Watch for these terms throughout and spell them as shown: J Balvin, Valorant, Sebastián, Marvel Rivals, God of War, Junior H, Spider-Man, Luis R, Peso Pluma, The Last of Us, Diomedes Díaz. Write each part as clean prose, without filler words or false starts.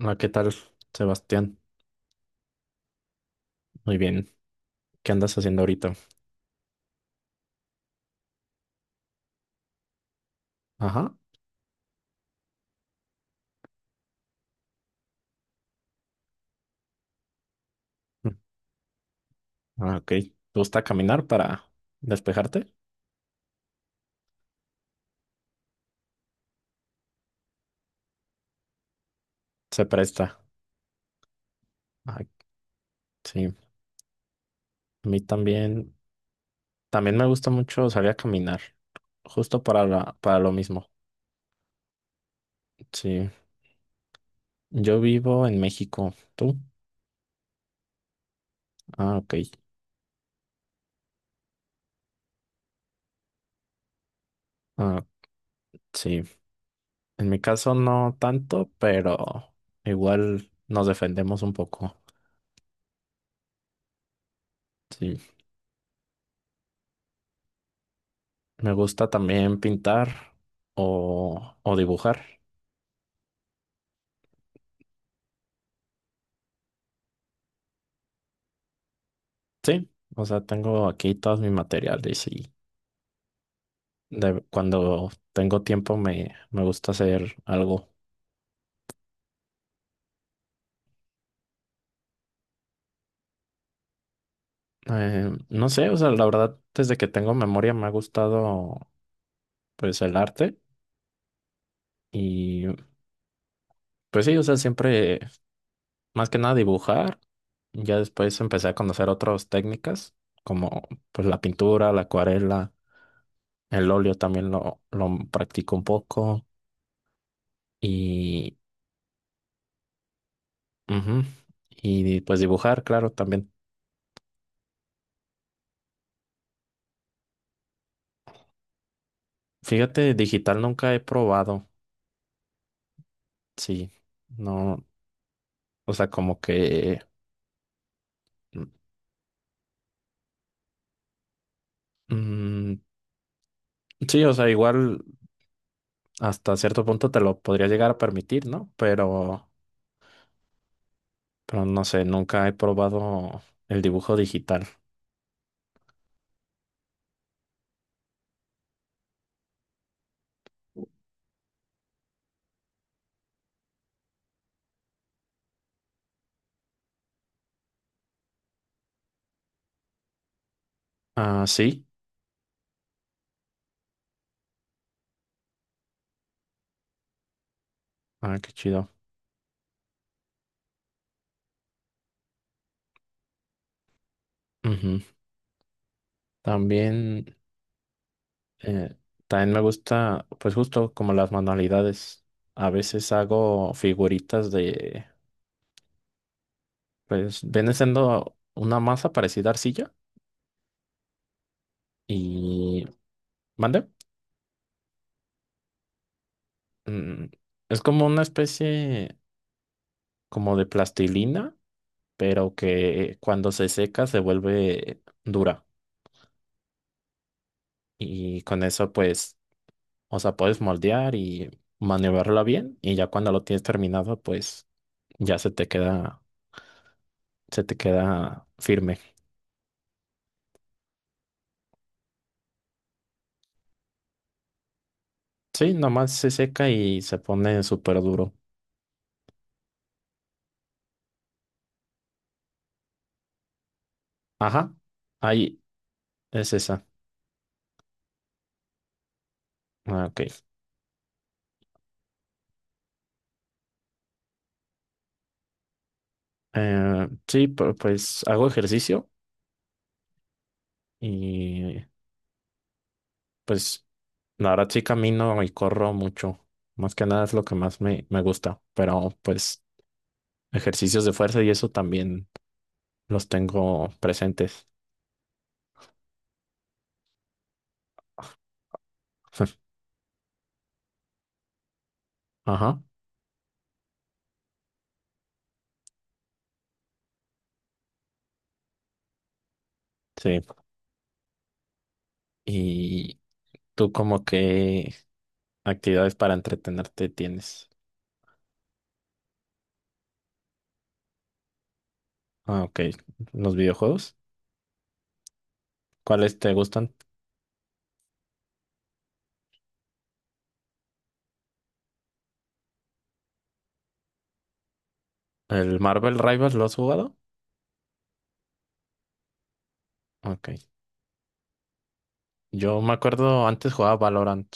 Ah, ¿qué tal, Sebastián? Muy bien. ¿Qué andas haciendo ahorita? Ajá. Mm. Ah, ok. ¿Te gusta caminar para despejarte? Se presta. Ay, sí. A mí también. También me gusta mucho salir a caminar. Justo para para lo mismo. Sí. Yo vivo en México. ¿Tú? Ah, ok. Ah, sí. En mi caso no tanto, pero igual nos defendemos un poco. Sí. Me gusta también pintar o dibujar. Sí, o sea, tengo aquí todos mis materiales y cuando tengo tiempo me gusta hacer algo. No sé, o sea, la verdad, desde que tengo memoria me ha gustado pues el arte y pues sí, o sea, siempre más que nada dibujar. Ya después empecé a conocer otras técnicas como pues la pintura, la acuarela, el óleo también lo practico un poco y, ujú, y pues dibujar, claro, también. Fíjate, digital nunca he probado, sí, no, o sea, como que, mm, sí, o sea, igual hasta cierto punto te lo podría llegar a permitir, ¿no? Pero no sé, nunca he probado el dibujo digital. Ah, sí, ah, qué chido. Ujú. También, eh, también me gusta, pues justo como las manualidades, a veces hago figuritas de, pues, viene siendo una masa parecida a arcilla y. ¿Mande? Mm, es como una especie como de plastilina, pero que cuando se seca se vuelve dura. Y con eso, pues, o sea, puedes moldear y maniobrarla bien. Y ya cuando lo tienes terminado, pues ya se te queda firme. Sí, nomás se seca y se pone súper duro. Ajá, ahí es esa. Ah, ok. Sí, pues hago ejercicio y pues. La verdad sí camino y corro mucho. Más que nada es lo que más me gusta. Pero pues ejercicios de fuerza y eso también los tengo presentes. Ajá, sí. ¿Y tú como qué actividades para entretenerte tienes? Ah, ok. ¿Los videojuegos? ¿Cuáles te gustan? ¿El Marvel Rivals lo has jugado? Ok. Yo me acuerdo antes jugaba Valorant.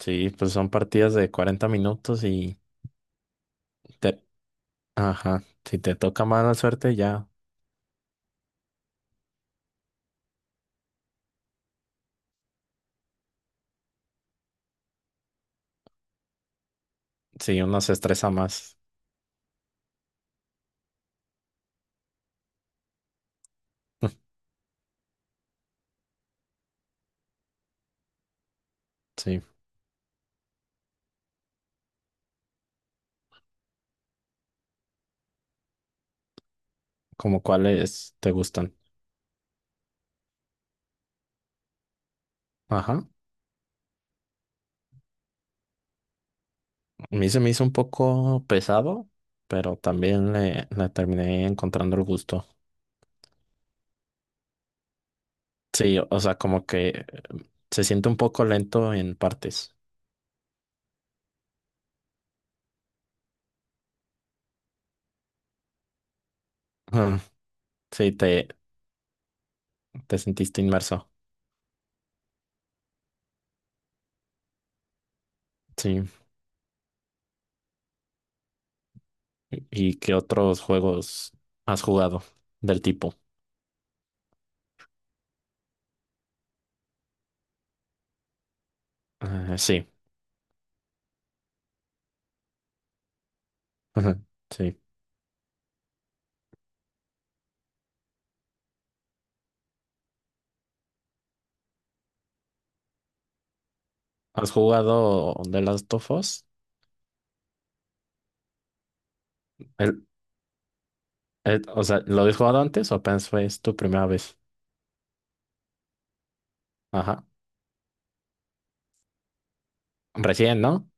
Sí, pues son partidas de 40 minutos y te. Ajá, si te toca mala suerte ya. Sí, uno se estresa más. Sí, como cuáles te gustan. Ajá. A mí se me hizo un poco pesado, pero también le terminé encontrando el gusto. Sí, o sea, como que se siente un poco lento en partes. Ujú. Sí, te sentiste inmerso. Sí. ¿Y qué otros juegos has jugado del tipo? Sí. Ujú. Sí. ¿Has jugado The Last of Us? El- o sea, ¿lo habías jugado antes o apenas fue es tu primera vez? Ajá. Recién, ¿no?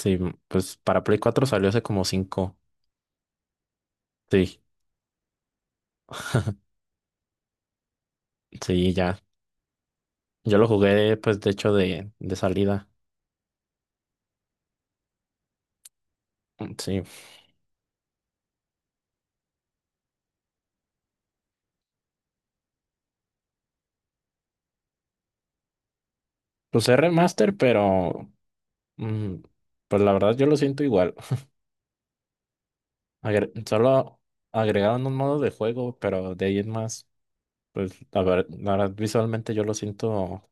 Sí, pues para Play 4 salió hace como cinco. Sí, sí, ya. Yo lo jugué, pues, de hecho, de salida. Mm, sí. Pues es remaster, pero mm, pues la verdad yo lo siento igual. Solo agregaron un modo de juego, pero de ahí en más, pues, la verdad, visualmente yo lo siento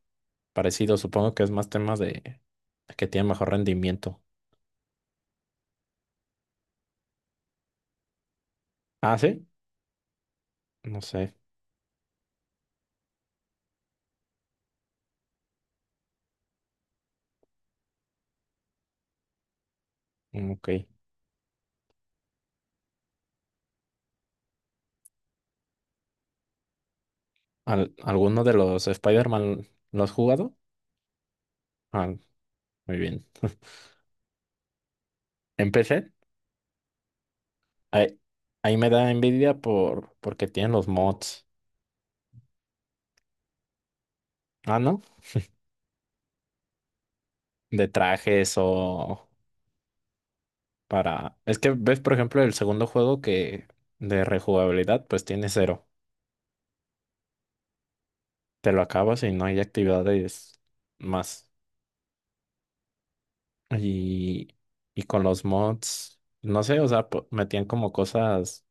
parecido. Supongo que es más temas de que tiene mejor rendimiento. Ah, sí. No sé. Mm, ok. ¿Alguno de los Spider-Man lo has jugado? Ah, muy bien. ¿En PC? Ahí, ahí me da envidia porque tienen los mods. Ah, ¿no? De trajes o para. Es que ves, por ejemplo, el segundo juego que de rejugabilidad, pues tiene cero. Te lo acabas y no hay actividades más. Y, y con los mods, no sé, o sea, metían como cosas,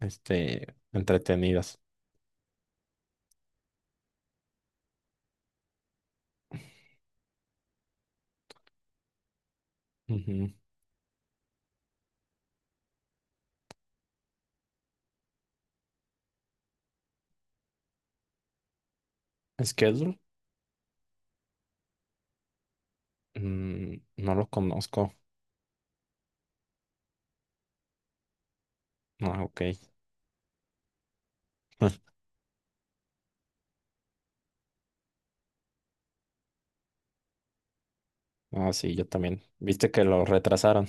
este, entretenidas. Ujú. Schedule. Mm, no los conozco. Ah, ok. Ah, sí, yo también. Viste que lo retrasaron.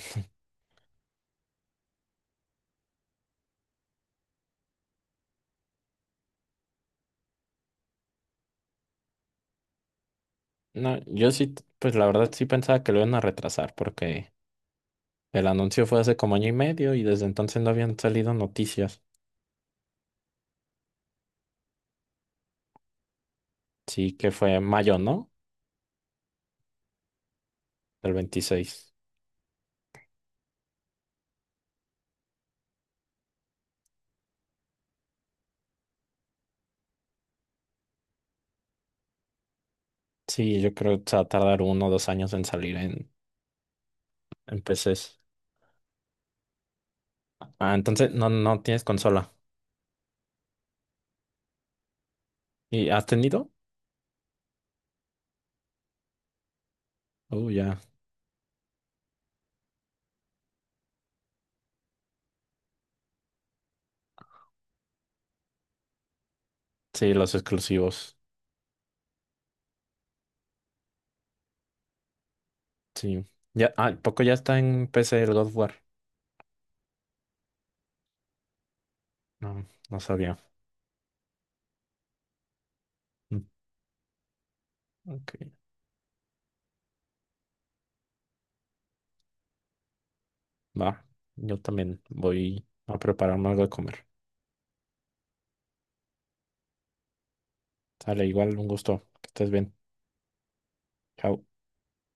No, yo sí, pues la verdad sí pensaba que lo iban a retrasar porque el anuncio fue hace como año y medio y desde entonces no habían salido noticias. Sí, que fue en mayo, ¿no? Del 26. Sí, yo creo que se va a tardar 1 o 2 años en salir en, PCs. Ah, entonces no, no tienes consola. ¿Y has tenido? Oh, ya. Sí, los exclusivos. Sí. ¿Ya, ah, poco ya está en PC el God of War? No, no sabía. Mm, ok, va. Yo también voy a prepararme algo de comer. Sale, igual, un gusto. Que estés bien. Chao.